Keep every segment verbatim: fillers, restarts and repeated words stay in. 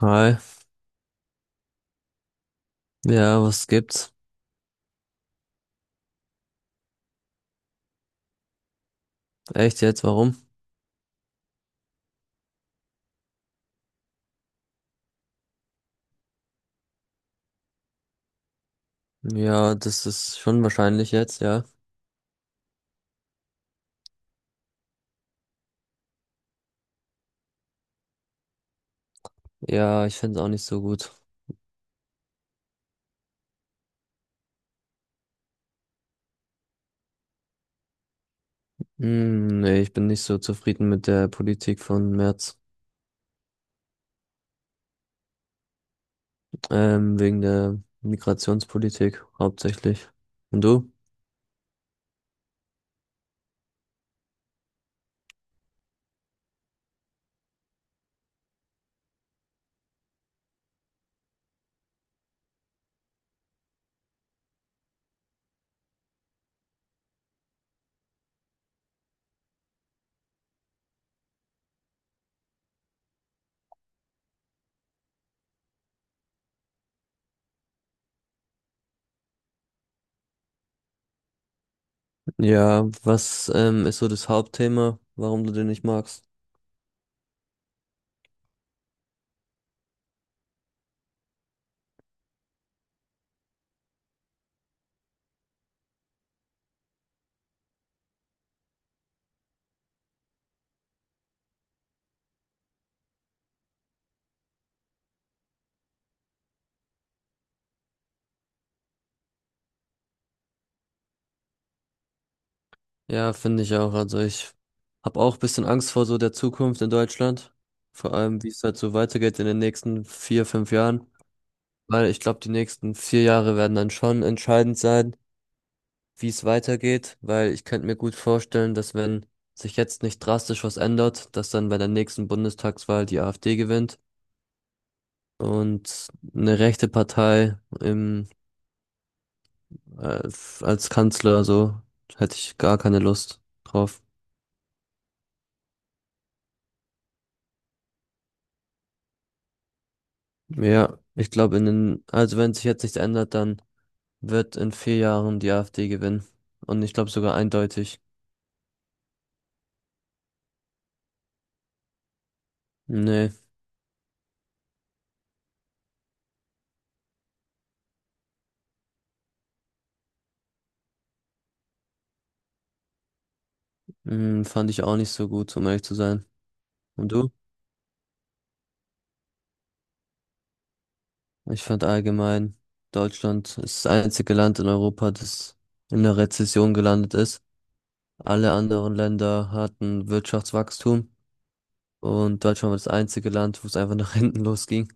Hi. Ja, was gibt's? Echt jetzt? Warum? Ja, das ist schon wahrscheinlich jetzt, ja. Ja, ich find's auch nicht so gut. Hm, nee, ich bin nicht so zufrieden mit der Politik von Merz. Ähm, wegen der Migrationspolitik hauptsächlich. Und du? Ja, was ähm, ist so das Hauptthema, warum du den nicht magst? Ja, finde ich auch. Also ich habe auch bisschen Angst vor so der Zukunft in Deutschland. Vor allem, wie es halt so weitergeht in den nächsten vier, fünf Jahren. Weil ich glaube, die nächsten vier Jahre werden dann schon entscheidend sein, wie es weitergeht, weil ich könnte mir gut vorstellen, dass wenn sich jetzt nicht drastisch was ändert, dass dann bei der nächsten Bundestagswahl die AfD gewinnt und eine rechte Partei im, äh, f- als Kanzler, so hätte ich gar keine Lust drauf. Ja, ich glaube, in den, also wenn sich jetzt nichts ändert, dann wird in vier Jahren die AfD gewinnen. Und ich glaube sogar eindeutig. Nee, mm, fand ich auch nicht so gut, um ehrlich zu sein. Und du? Ich fand allgemein, Deutschland ist das einzige Land in Europa, das in einer Rezession gelandet ist. Alle anderen Länder hatten Wirtschaftswachstum und Deutschland war das einzige Land, wo es einfach nach hinten losging.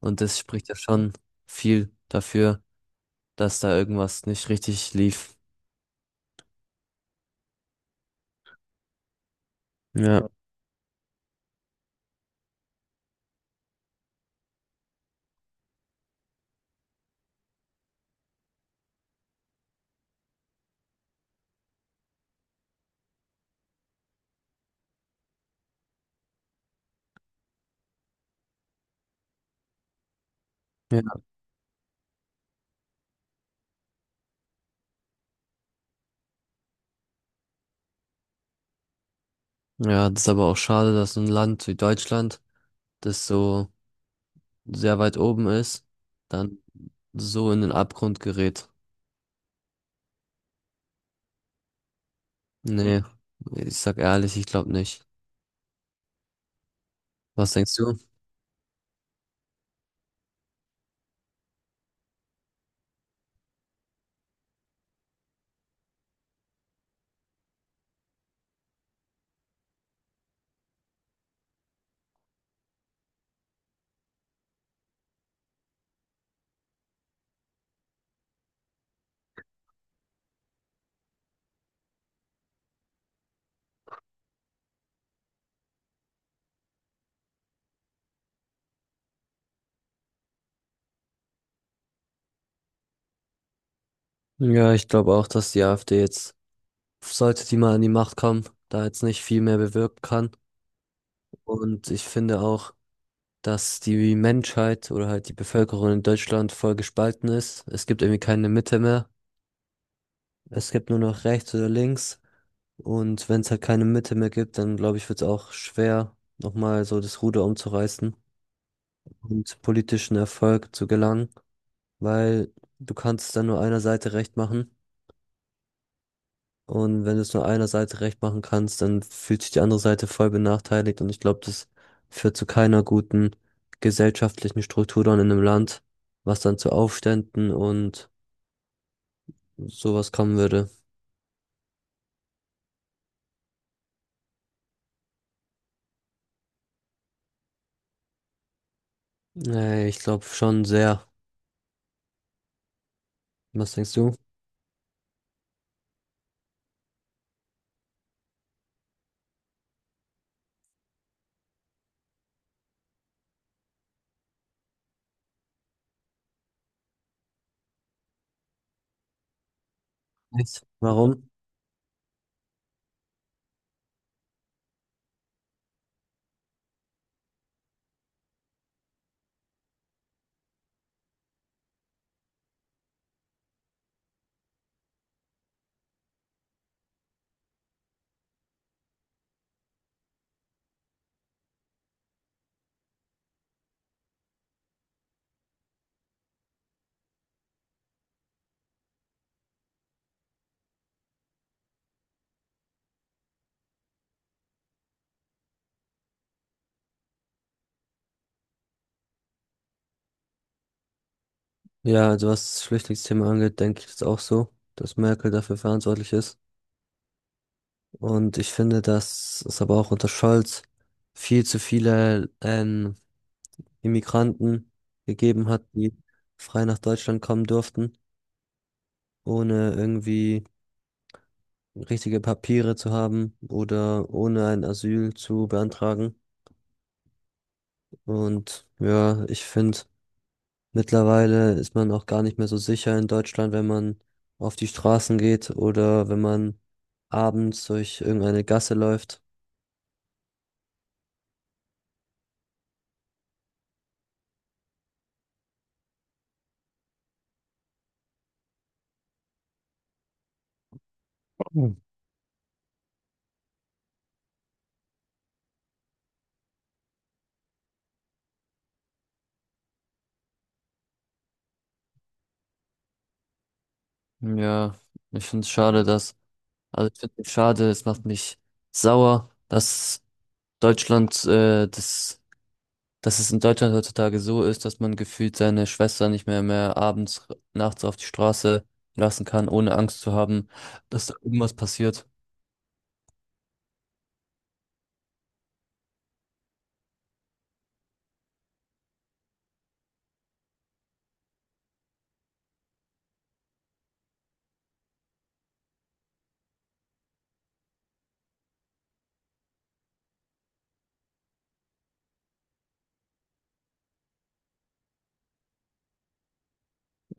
Und das spricht ja schon viel dafür, dass da irgendwas nicht richtig lief. Ja, ja. Ja, das ist aber auch schade, dass ein Land wie Deutschland, das so sehr weit oben ist, dann so in den Abgrund gerät. Nee, ich sag ehrlich, ich glaube nicht. Was denkst du? Ja, ich glaube auch, dass die AfD jetzt, sollte die mal an die Macht kommen, da jetzt nicht viel mehr bewirken kann. Und ich finde auch, dass die Menschheit oder halt die Bevölkerung in Deutschland voll gespalten ist. Es gibt irgendwie keine Mitte mehr. Es gibt nur noch rechts oder links. Und wenn es halt keine Mitte mehr gibt, dann glaube ich, wird es auch schwer, nochmal so das Ruder umzureißen und politischen Erfolg zu gelangen, weil du kannst dann nur einer Seite recht machen. Und wenn du es nur einer Seite recht machen kannst, dann fühlt sich die andere Seite voll benachteiligt. Und ich glaube, das führt zu keiner guten gesellschaftlichen Struktur dann in einem Land, was dann zu Aufständen und sowas kommen würde. Nee, ich glaube schon sehr. Was denkst du? Echt? Warum? Ja, also was das Flüchtlingsthema angeht, denke ich das auch so, dass Merkel dafür verantwortlich ist. Und ich finde, dass es aber auch unter Scholz viel zu viele ähm, Immigranten gegeben hat, die frei nach Deutschland kommen durften, ohne irgendwie richtige Papiere zu haben oder ohne ein Asyl zu beantragen. Und ja, ich finde, mittlerweile ist man auch gar nicht mehr so sicher in Deutschland, wenn man auf die Straßen geht oder wenn man abends durch irgendeine Gasse läuft. Ja, ich finde es schade, dass, also ich finde es schade, es macht mich sauer, dass Deutschland äh, das dass es in Deutschland heutzutage so ist, dass man gefühlt seine Schwester nicht mehr mehr abends, nachts auf die Straße lassen kann, ohne Angst zu haben, dass da irgendwas passiert.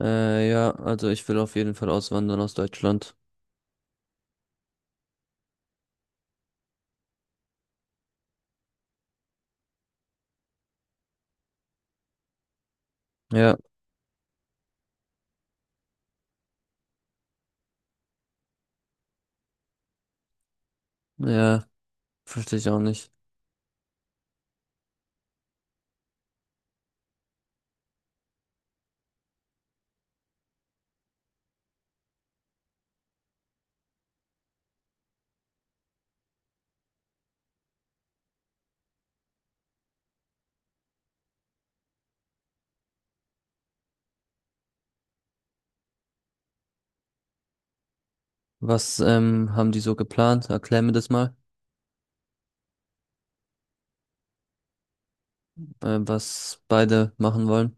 Äh, ja, also ich will auf jeden Fall auswandern aus Deutschland. Ja, ja, verstehe ich auch nicht. Was ähm, haben die so geplant? Erklär mir das mal, äh, was beide machen wollen.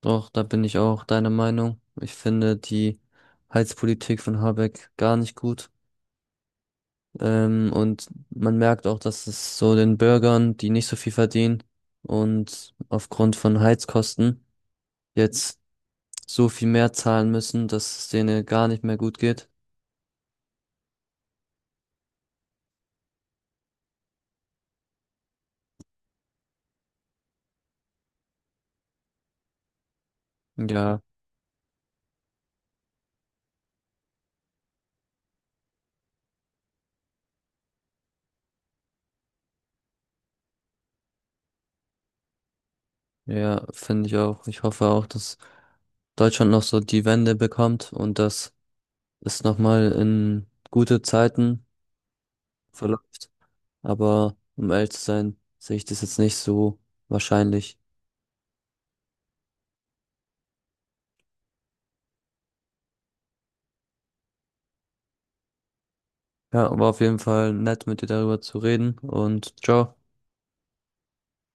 Doch, da bin ich auch deiner Meinung. Ich finde die Heizpolitik von Habeck gar nicht gut. Ähm, und man merkt auch, dass es so den Bürgern, die nicht so viel verdienen und aufgrund von Heizkosten jetzt so viel mehr zahlen müssen, dass es denen gar nicht mehr gut geht. Ja, ja, finde ich auch. Ich hoffe auch, dass Deutschland noch so die Wende bekommt und dass es nochmal in gute Zeiten verläuft. Aber um ehrlich zu sein, sehe ich das jetzt nicht so wahrscheinlich. Ja, war auf jeden Fall nett, mit dir darüber zu reden und ciao.